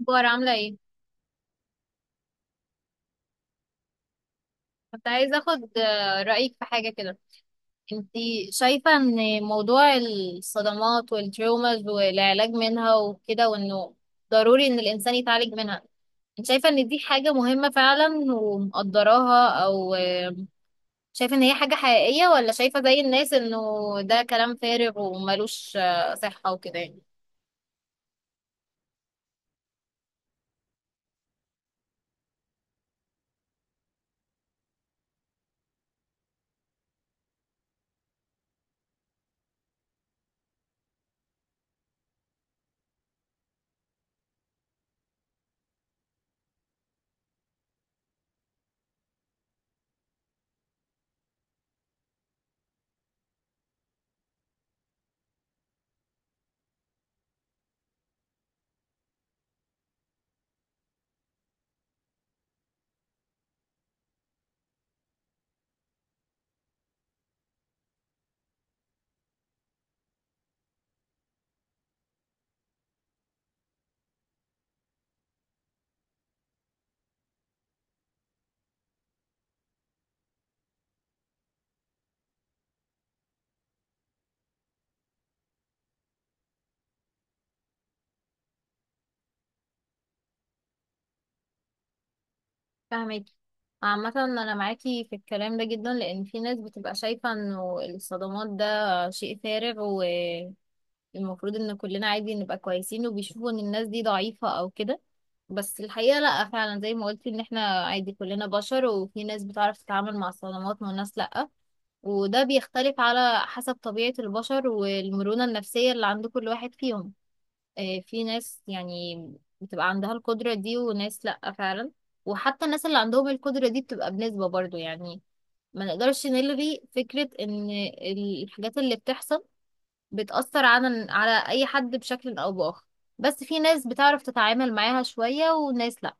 اخبار عاملة ايه؟ كنت عايزة اخد رأيك في حاجة كده. انتي شايفة ان موضوع الصدمات والتروماز والعلاج منها وكده وانه ضروري ان الانسان يتعالج منها، انت شايفة ان دي حاجة مهمة فعلا ومقدراها؟ او شايفة ان هي حاجة حقيقية، ولا شايفة زي الناس انه ده كلام فارغ وملوش صحة وكده يعني؟ فاهمك. عامة أنا معاكي في الكلام ده جدا، لأن في ناس بتبقى شايفة إنه الصدمات ده شيء فارغ، المفروض ان كلنا عادي نبقى كويسين، وبيشوفوا ان الناس دي ضعيفة او كده. بس الحقيقة لا، فعلا زي ما قلت ان احنا عادي كلنا بشر، وفي ناس بتعرف تتعامل مع الصدمات وناس لا. وده بيختلف على حسب طبيعة البشر والمرونة النفسية اللي عند كل واحد فيهم. في ناس يعني بتبقى عندها القدرة دي وناس لا فعلا. وحتى الناس اللي عندهم القدرة دي بتبقى بنسبة برضو يعني، ما نقدرش نلغي فكرة ان الحاجات اللي بتحصل بتأثر على أي حد بشكل أو بآخر. بس في ناس بتعرف تتعامل معاها شوية وناس لأ.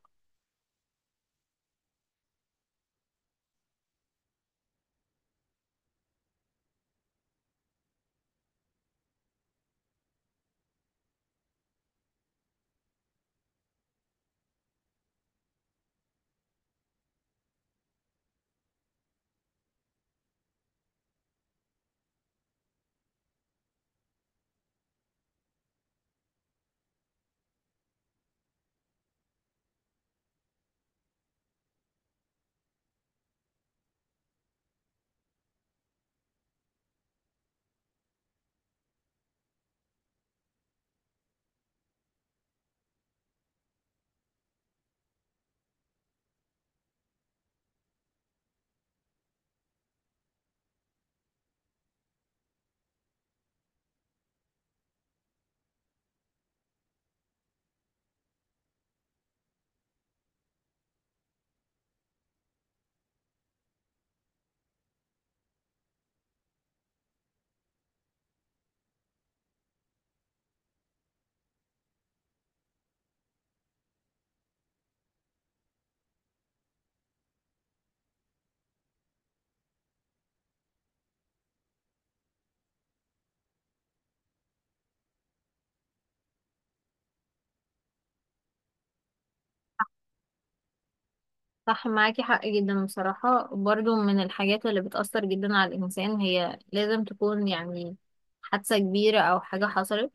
صح، معاكي حق جدا بصراحة. برضو من الحاجات اللي بتأثر جدا على الإنسان، هي لازم تكون يعني حادثة كبيرة أو حاجة حصلت.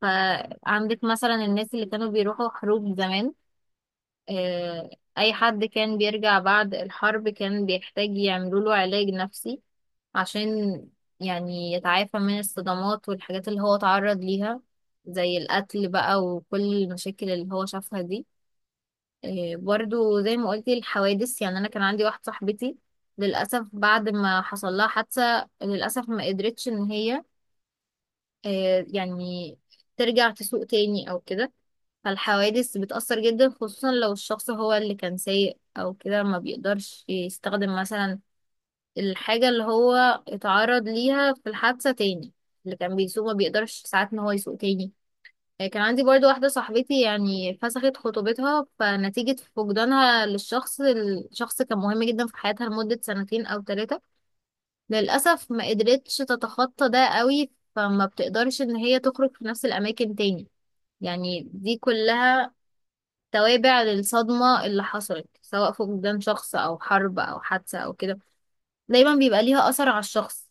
فعندك مثلا الناس اللي كانوا بيروحوا حروب زمان، آه، أي حد كان بيرجع بعد الحرب كان بيحتاج يعملوا له علاج نفسي، عشان يعني يتعافى من الصدمات والحاجات اللي هو تعرض ليها زي القتل بقى وكل المشاكل اللي هو شافها دي. إيه، برضو زي ما قلتي الحوادث. يعني أنا كان عندي واحدة صاحبتي، للأسف بعد ما حصل لها حادثة، للأسف ما قدرتش إن هي، إيه، يعني ترجع تسوق تاني أو كده. فالحوادث بتأثر جدا، خصوصا لو الشخص هو اللي كان سايق أو كده، ما بيقدرش يستخدم مثلا الحاجة اللي هو اتعرض ليها في الحادثة تاني. اللي كان بيسوق ما بيقدرش ساعات ان هو يسوق تاني. كان عندي برضو واحدة صاحبتي يعني فسخت خطوبتها، فنتيجة فقدانها للشخص، الشخص كان مهم جدا في حياتها لمدة سنتين أو ثلاثة، للأسف ما قدرتش تتخطى ده قوي، فما بتقدرش ان هي تخرج في نفس الأماكن تاني. يعني دي كلها توابع للصدمة اللي حصلت، سواء فقدان شخص أو حرب أو حادثة أو كده، دايما بيبقى ليها أثر على الشخص.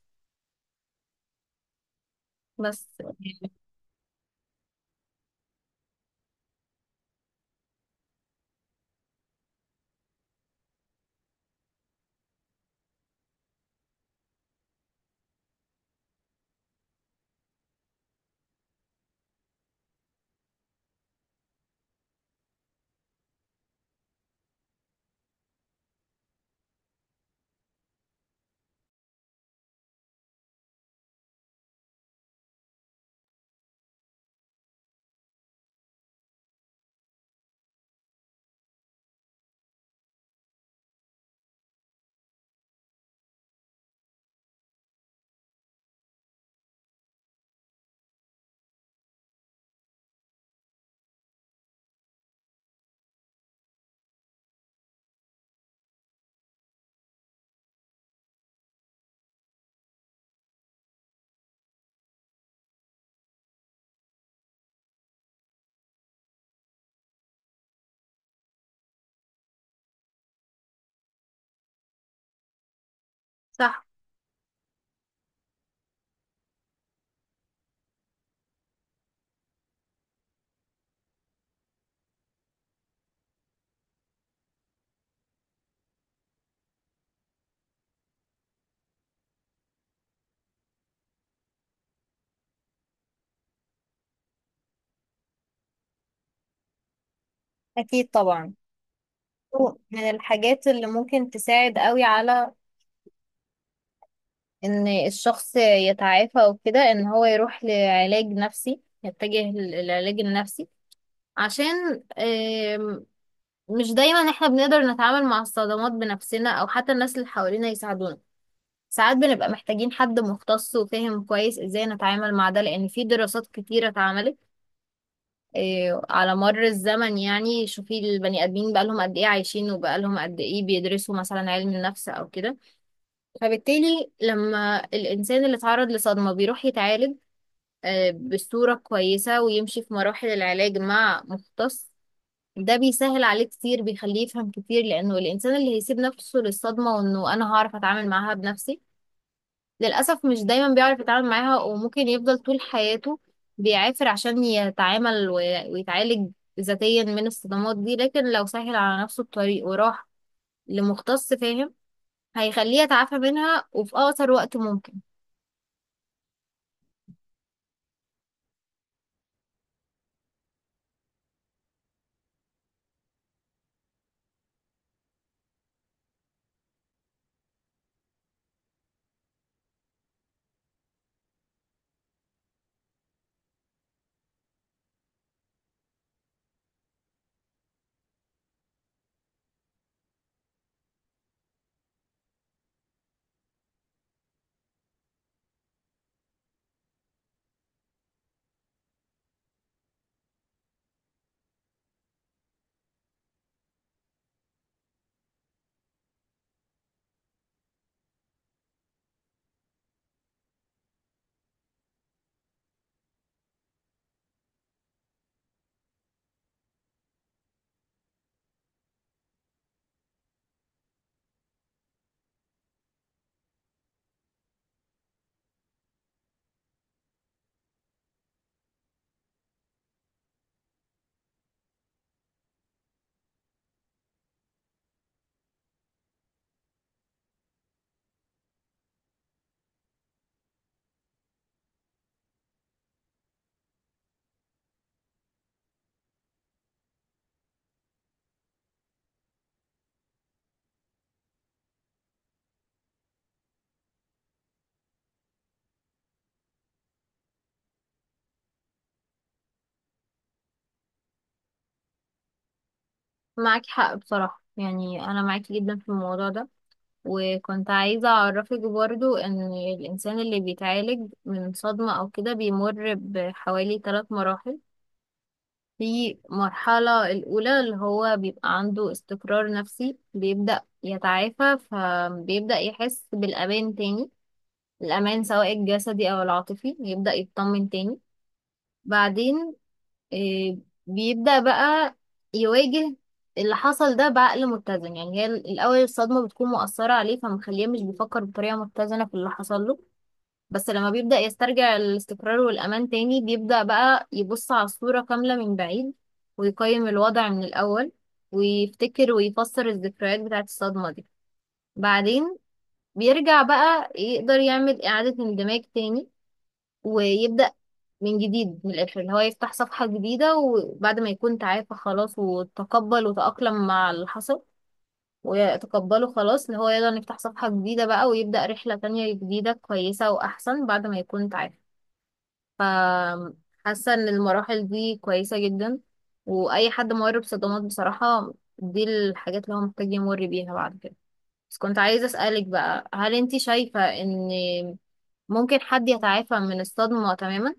بس صح. أكيد طبعا من الحاجات اللي ممكن تساعد قوي على إن الشخص يتعافى وكده، إن هو يروح لعلاج نفسي، يتجه للعلاج النفسي، عشان مش دايما احنا بنقدر نتعامل مع الصدمات بنفسنا أو حتى الناس اللي حوالينا يساعدونا. ساعات بنبقى محتاجين حد مختص وفاهم كويس ازاي نتعامل مع ده، لأن في دراسات كتيرة اتعملت، إيه، على مر الزمن. يعني شوفي البني ادمين بقالهم قد ايه عايشين، وبقالهم قد ايه بيدرسوا مثلا علم النفس او كده. فبالتالي لما الانسان اللي اتعرض لصدمة بيروح يتعالج بصورة كويسة ويمشي في مراحل العلاج مع مختص، ده بيسهل عليه كتير، بيخليه يفهم كتير، لانه الانسان اللي هيسيب نفسه للصدمة وانه انا هعرف اتعامل معاها بنفسي، للأسف مش دايما بيعرف يتعامل معاها، وممكن يفضل طول حياته بيعافر عشان يتعامل ويتعالج ذاتيا من الصدمات دي. لكن لو سهل على نفسه الطريق وراح لمختص فاهم، هيخليه يتعافى منها وفي أقصر وقت ممكن. معاكي حق بصراحة، يعني أنا معاكي جدا في الموضوع ده. وكنت عايزة أعرفك برضو إن الإنسان اللي بيتعالج من صدمة أو كده بيمر بحوالي ثلاث مراحل. في مرحلة الأولى اللي هو بيبقى عنده استقرار نفسي، بيبدأ يتعافى فبيبدأ يحس بالأمان تاني، الأمان سواء الجسدي أو العاطفي، يبدأ يطمن تاني. بعدين آه، بيبدأ بقى يواجه اللي حصل ده بعقل متزن. يعني هي الأول الصدمة بتكون مؤثرة عليه، فمخليه مش بيفكر بطريقة متزنة في اللي حصل له، بس لما بيبدأ يسترجع الاستقرار والأمان تاني بيبدأ بقى يبص على الصورة كاملة من بعيد، ويقيم الوضع من الأول، ويفتكر ويفسر الذكريات بتاعة الصدمة دي. بعدين بيرجع بقى يقدر يعمل إعادة اندماج تاني، ويبدأ من جديد، من الآخر اللي هو يفتح صفحة جديدة، وبعد ما يكون تعافى خلاص وتقبل وتأقلم مع اللي حصل ويتقبله خلاص، اللي هو يقدر يفتح صفحة جديدة بقى، ويبدأ رحلة تانية جديدة كويسة وأحسن بعد ما يكون تعافى. فحاسة ان المراحل دي كويسة جدا، واي حد مر بصدمات بصراحة، دي الحاجات اللي هو محتاج يمر بيها بعد كده. بس كنت عايزة اسألك بقى، هل انتي شايفة ان ممكن حد يتعافى من الصدمة تماما؟